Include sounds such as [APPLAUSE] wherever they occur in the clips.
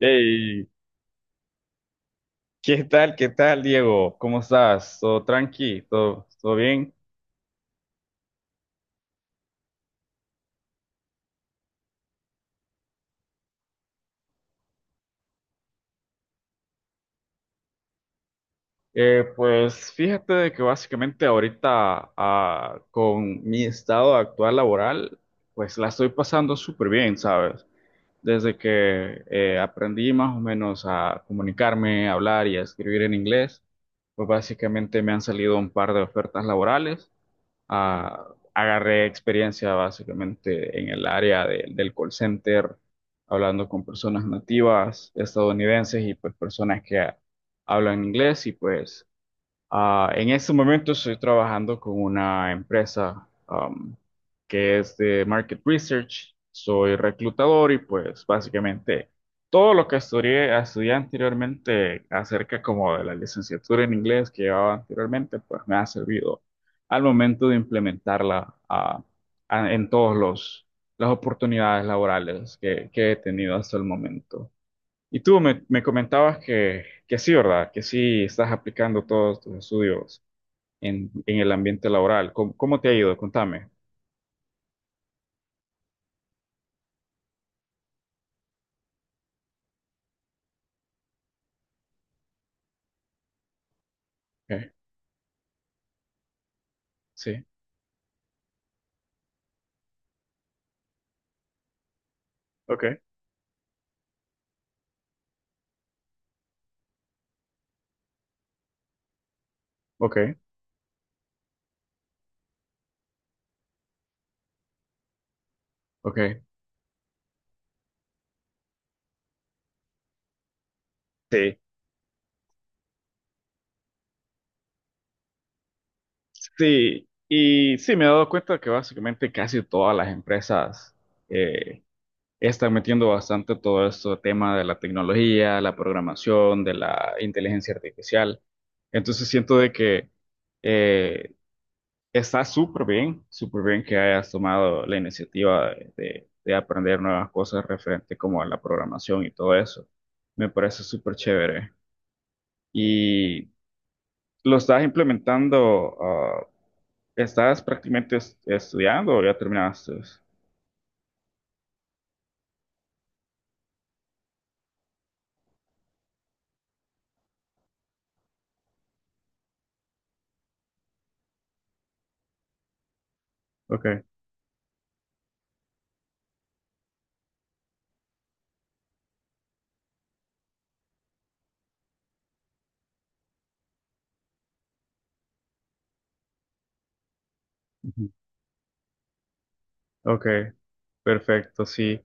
Hey, ¿qué tal? ¿Qué tal, Diego? ¿Cómo estás? ¿Todo tranqui? ¿Todo bien? Pues fíjate de que básicamente ahorita con mi estado actual laboral, pues la estoy pasando súper bien, ¿sabes? Desde que aprendí más o menos a comunicarme, a hablar y a escribir en inglés, pues básicamente me han salido un par de ofertas laborales. Ah, Agarré experiencia básicamente en el área del call center, hablando con personas nativas estadounidenses y pues personas que hablan inglés y pues, en este momento estoy trabajando con una empresa que es de market research. Soy reclutador y pues básicamente todo lo que estudié anteriormente acerca como de la licenciatura en inglés que llevaba anteriormente, pues me ha servido al momento de implementarla en todos los las oportunidades laborales que he tenido hasta el momento. Y tú me comentabas que sí, ¿verdad? Que sí estás aplicando todos tus estudios en el ambiente laboral. ¿Cómo te ha ido? Contame. Ok. Sí. Ok, ok, ok. Sí, sí. Y sí, me he dado cuenta que básicamente casi todas las empresas eh, están metiendo bastante todo este tema de la tecnología, la programación, de la inteligencia artificial. Entonces siento de que eh, está súper bien que hayas tomado la iniciativa de, de aprender nuevas cosas referente como a la programación y todo eso. Me parece súper chévere. Y lo estás implementando, estás prácticamente estudiando o ya terminaste. Ok. Ujú. Ok, perfecto. Sí.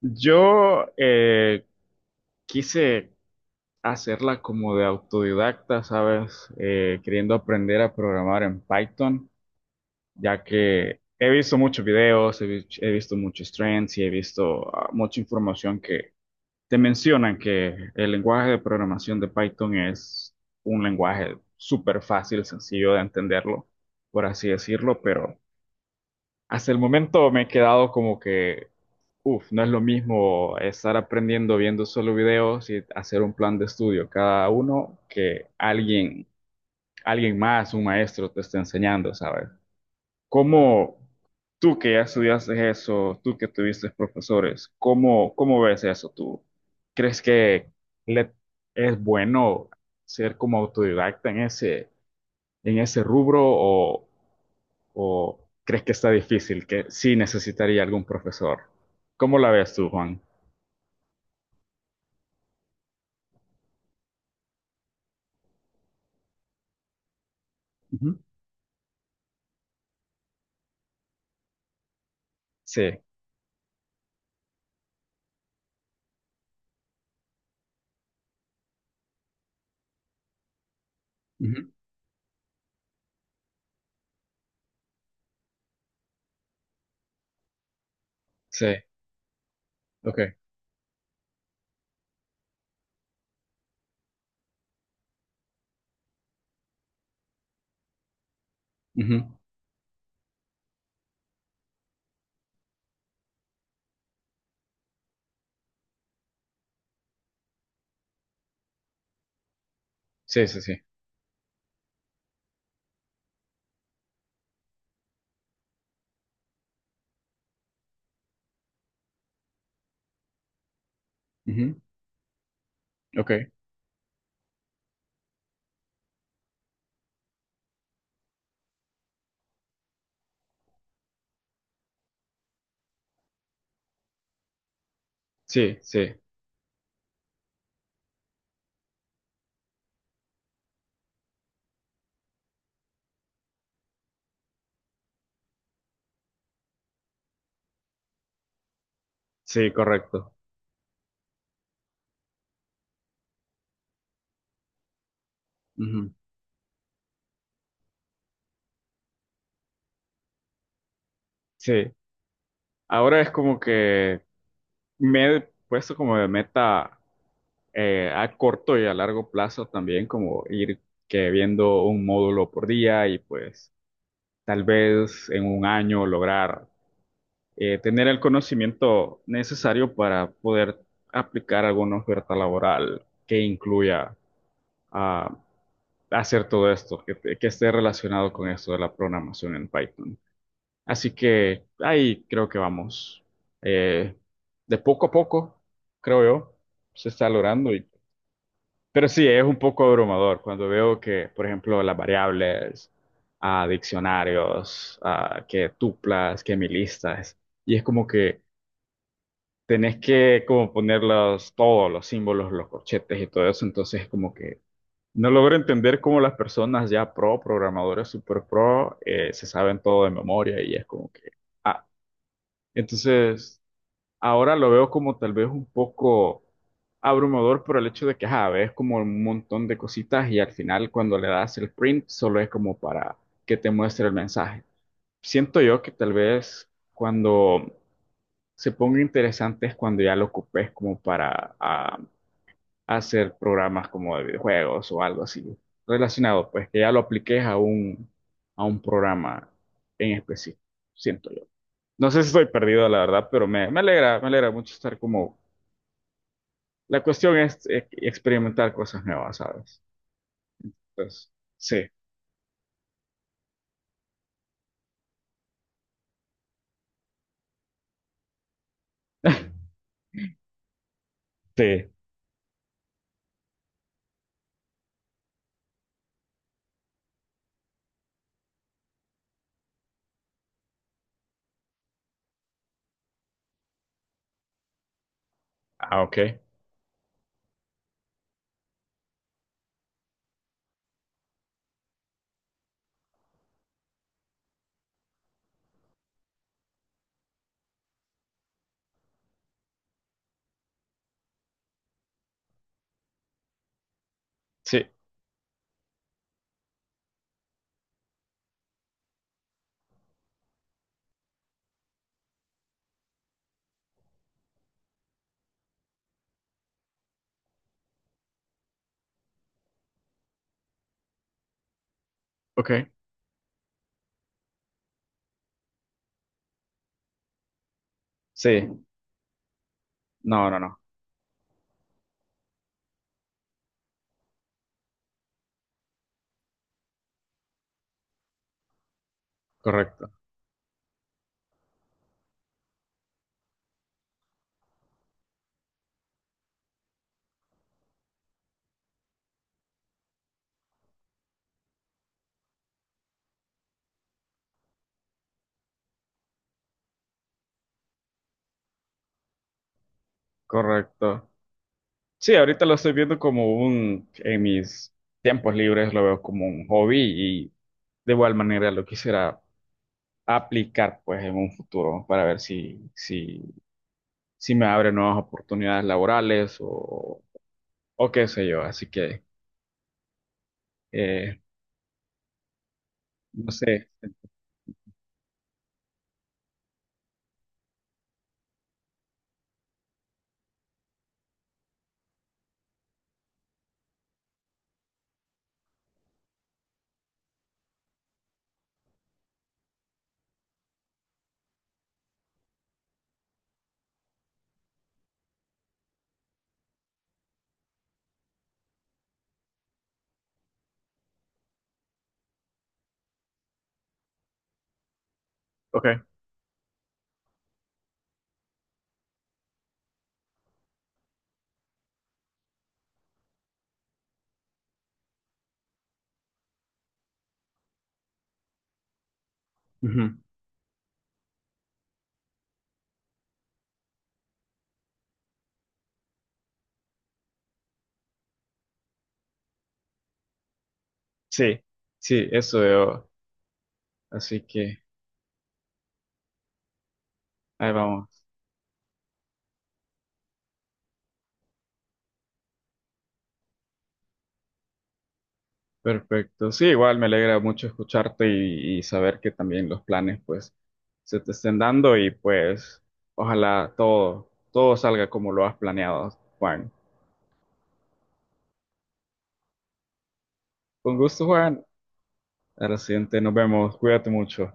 Yo quise hacerla como de autodidacta, ¿sabes? Queriendo aprender a programar en Python. Ya que he visto muchos videos, he visto muchos trends y he visto mucha información que te mencionan que el lenguaje de programación de Python es un lenguaje súper fácil, sencillo de entenderlo, por así decirlo, pero hasta el momento me he quedado como que, uff, no es lo mismo estar aprendiendo viendo solo videos y hacer un plan de estudio cada uno que alguien, más, un maestro te esté enseñando, ¿sabes? ¿Cómo tú que ya estudiaste eso, tú que tuviste profesores, cómo ves eso tú? ¿Crees que le- es bueno ser como autodidacta en ese rubro o crees que está difícil, que sí necesitaría algún profesor? ¿Cómo la ves tú, Juan? Ujú. Sí. Ujú. Sí. Ok. Ujú. Sí, sí, sí. Ujú. Ok. Sí, sí. Sí, correcto. Ujú. Sí. Ahora es como que me he puesto como de meta a corto y a largo plazo también, como ir que viendo un módulo por día y pues tal vez en un año lograr tener el conocimiento necesario para poder aplicar alguna oferta laboral que incluya ah, hacer todo esto, que esté relacionado con esto de la programación en Python. Así que ahí creo que vamos. Eh, de poco a poco, creo yo, se está logrando. Pero sí, es un poco abrumador cuando veo que, por ejemplo, las variables, a diccionarios, a que tuplas, que milistas, y es como que tenés que como ponerlos todos los símbolos, los corchetes y todo eso, entonces como que no logro entender cómo las personas ya programadores super pro, se saben todo de memoria y es como que. ah, entonces, ahora lo veo como tal vez un poco abrumador por el hecho de que, ajá, ves como un montón de cositas y al final cuando le das el print solo es como para que te muestre el mensaje. Siento yo que tal vez cuando se ponga interesante es cuando ya lo ocupes como para hacer programas como de videojuegos o algo así relacionado, pues que ya lo apliques a un, programa en específico, siento yo. No sé si estoy perdido, la verdad, pero me alegra mucho estar como. La cuestión es experimentar cosas nuevas, ¿sabes? Entonces, sí. [LAUGHS] Sí. Ok. Sí. Ok. Sí. No, no, no. Correcto, correcto. Sí, ahorita lo estoy viendo como un. En mis tiempos libres lo veo como un hobby y de igual manera lo quisiera aplicar pues en un futuro para ver si, si me abre nuevas oportunidades laborales o qué sé yo, así que. eh, no sé. Ok. Ujú. Sí, sí, eso veo. Así que ahí vamos. Perfecto. Sí, igual me alegra mucho escucharte y saber que también los planes pues se te estén dando y pues ojalá todo salga como lo has planeado, Juan. Con gusto, Juan. A la siguiente, nos vemos. Cuídate mucho.